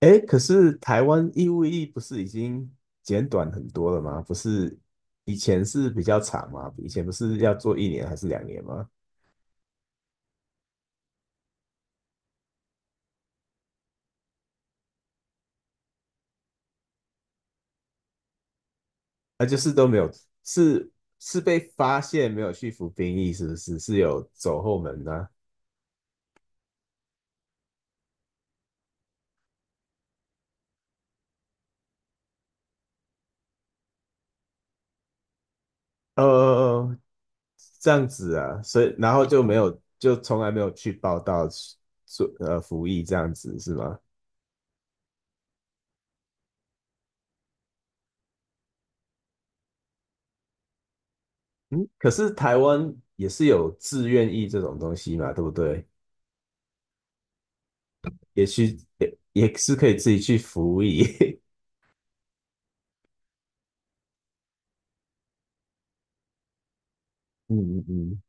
哎，可是台湾义务役不是已经简短很多了吗？不是以前是比较长吗？以前不是要做一年还是两年吗？啊，就是都没有，是是被发现没有去服兵役，是不是？是有走后门呢、呃，这样子啊，所以然后就没有，就从来没有去报道做服役这样子是吗？嗯，可是台湾也是有志愿役这种东西嘛，对不对？也去也是可以自己去服役。嗯嗯嗯，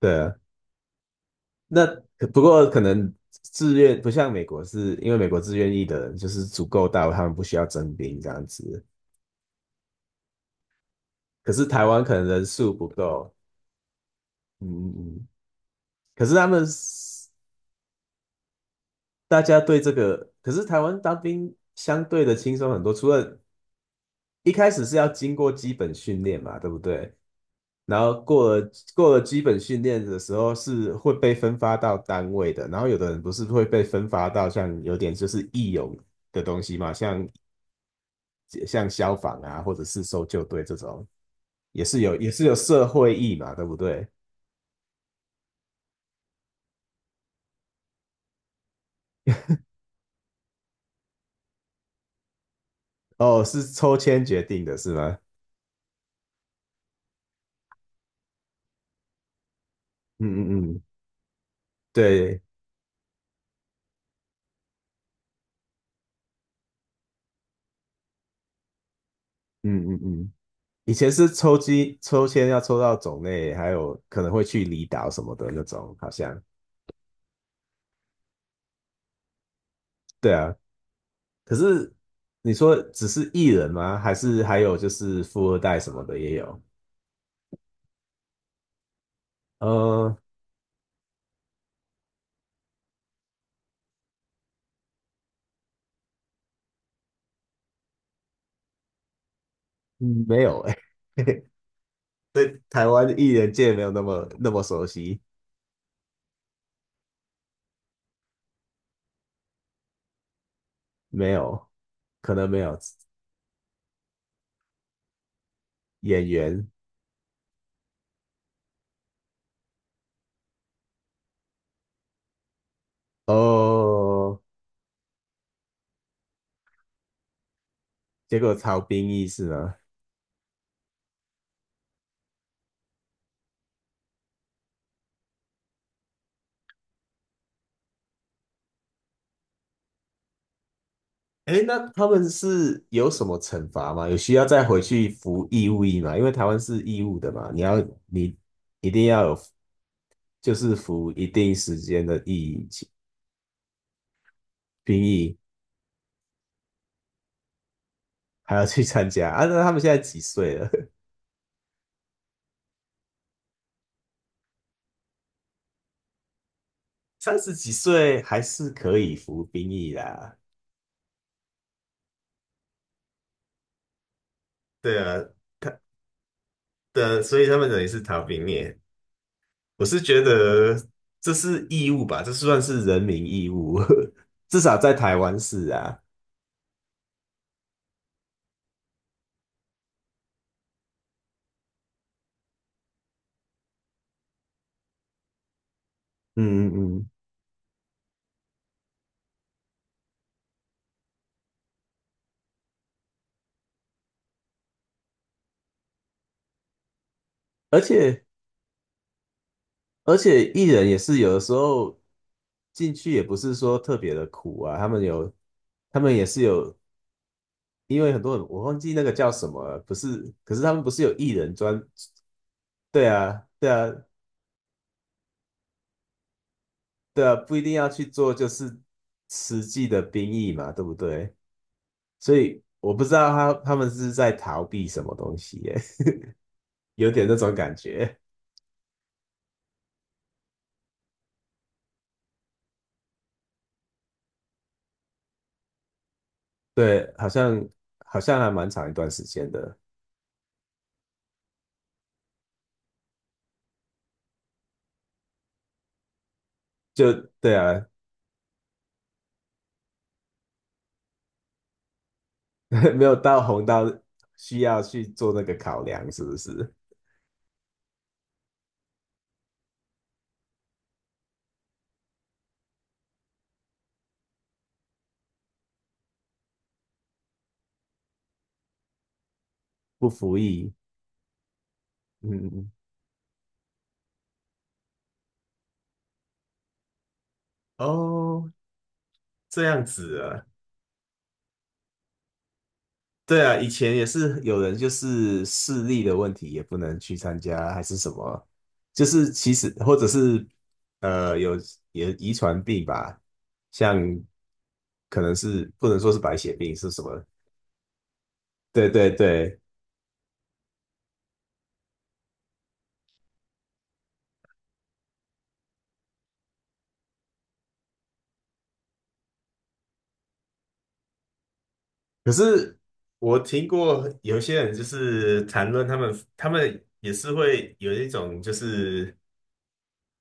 对啊，那不过可能自愿不像美国是，因为美国自愿役的人就是足够大，他们不需要征兵这样子。可是台湾可能人数不够，嗯嗯嗯。可是他们是大家对这个，可是台湾当兵相对的轻松很多，除了一开始是要经过基本训练嘛，对不对？然后过了基本训练的时候是会被分发到单位的，然后有的人不是会被分发到像有点就是义勇的东西嘛，像消防啊，或者是搜救队这种，也是有社会义嘛，对不对？哦，是抽签决定的是吗？嗯嗯嗯，对，嗯嗯嗯，以前是抽签要抽到种类，还有可能会去离岛什么的那种，好像。对啊，可是你说只是艺人吗？还是还有就是富二代什么的也有？呃，嗯没有哎、欸，对台湾艺人界没有那么熟悉，没有，可能没有演员哦。结果曹兵役是吗？哎，那他们是有什么惩罚吗？有需要再回去服义务役吗？因为台湾是义务的嘛，你一定要有就是服一定时间的役兵役。还要去参加啊？那他们现在几岁了？三十几岁还是可以服兵役啦。对啊，他的，所以他们等于是逃兵役。我是觉得这是义务吧？这算是人民义务，至少在台湾是啊。嗯嗯嗯，而且而且艺人也是有的时候进去也不是说特别的苦啊，他们也是有，因为很多人我忘记那个叫什么了，不是，可是他们不是有艺人专对啊，对啊，不一定要去做，就是实际的兵役嘛，对不对？所以我不知道他们是在逃避什么东西耶，有点那种感觉。对，好像还蛮长一段时间的，就对啊，没有到红到需要去做那个考量，是不是？不服役，嗯，哦，这样子啊，对啊，以前也是有人就是视力的问题也不能去参加，还是什么，就是其实或者是有也遗传病吧，像可能是不能说是白血病是什么，对对对。可是我听过有些人就是谈论他们，他们也是会有一种就是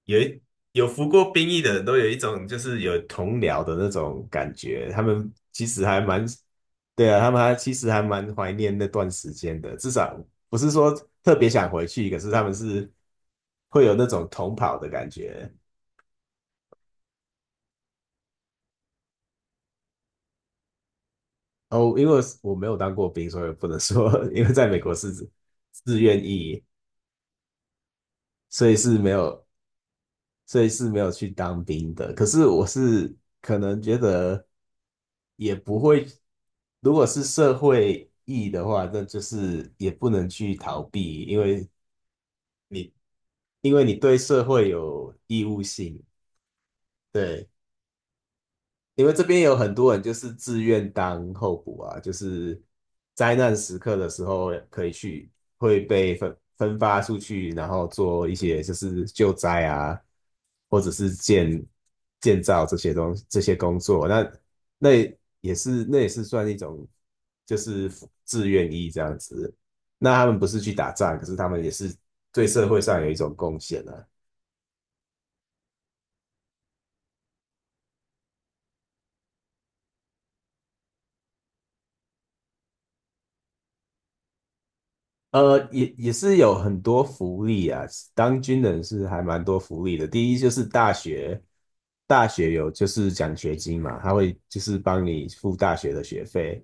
有一有服过兵役的人都有一种就是有同僚的那种感觉，他们其实还蛮，对啊，他们还其实还蛮怀念那段时间的，至少不是说特别想回去，可是他们是会有那种同跑的感觉。哦，因为我没有当过兵，所以不能说，因为在美国是自愿役，所以是没有，所以是没有去当兵的。可是我是可能觉得也不会，如果是社会意义的话，那就是也不能去逃避，因为你因为你对社会有义务性，对。因为这边有很多人就是自愿当候补啊，就是灾难时刻的时候可以去，会被分发出去，然后做一些就是救灾啊，或者是建造这些工作。那也是算一种就是自愿役这样子。那他们不是去打仗，可是他们也是对社会上有一种贡献啊。呃，也是有很多福利啊，当军人是还蛮多福利的。第一就是大学，大学有就是奖学金嘛，他会就是帮你付大学的学费。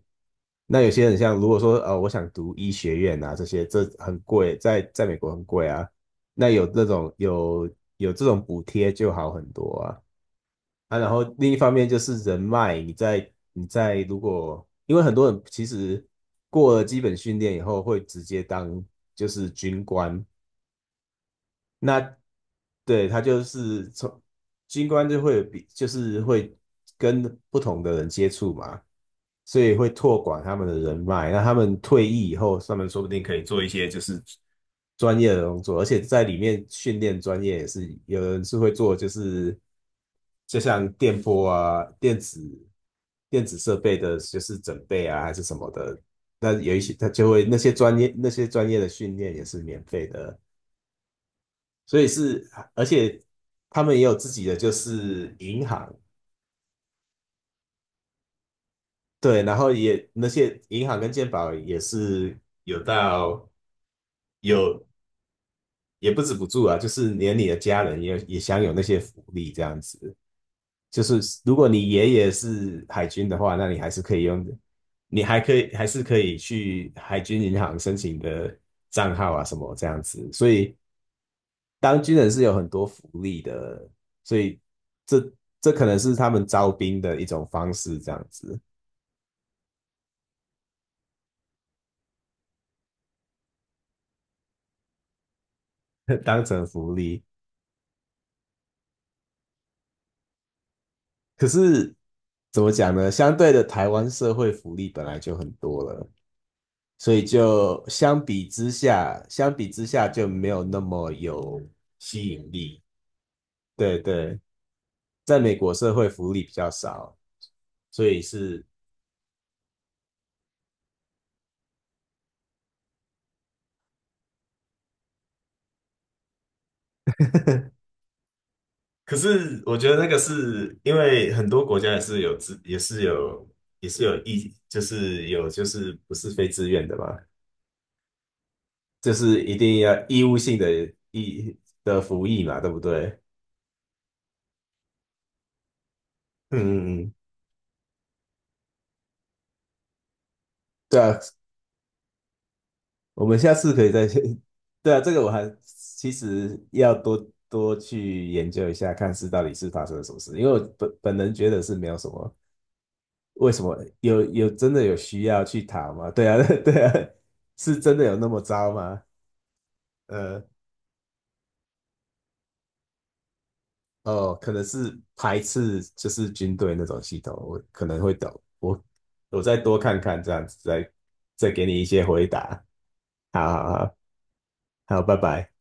那有些人像如果说呃，我想读医学院啊，这些这很贵，在美国很贵啊。那有那种有这种补贴就好很多啊。啊，然后另一方面就是人脉，你在如果，因为很多人其实过了基本训练以后会直接当就是军官，那对他就是从军官就会就是会跟不同的人接触嘛，所以会拓广他们的人脉。那他们退役以后，他们说不定可以做一些就是专业的工作，而且在里面训练专业也是有人是会做，就是就像电波啊、电子电子设备的，就是准备啊还是什么的。那有一些他就会那些专业的训练也是免费的。所以是，而且他们也有自己的就是银行，对，然后也那些银行跟健保也是有到有也不止不住啊，就是连你的家人也享有那些福利这样子。就是如果你爷爷是海军的话，那你还是可以用，你还可以还是可以去海军银行申请的账号啊什么这样子。所以当军人是有很多福利的，所以这这可能是他们招兵的一种方式，这样子 当成福利。可是怎么讲呢？相对的，台湾社会福利本来就很多了，所以就相比之下就没有那么有吸引力。对对，在美国社会福利比较少，所以是可是我觉得那个是因为很多国家也是有自，也是有，也是有义，就是有就是不是非自愿的嘛，就是一定要义务性的义服役嘛，对不对？嗯嗯嗯，对啊，我们下次可以再，对啊，这个我还其实要多去研究一下，看是到底是发生了什么事，因为我本人觉得是没有什么，为什么有真的有需要去逃吗？对啊，对啊，是真的有那么糟吗？呃，哦，可能是排斥就是军队那种系统，我可能会懂，我再多看看这样子，再给你一些回答。好好好，好，拜拜。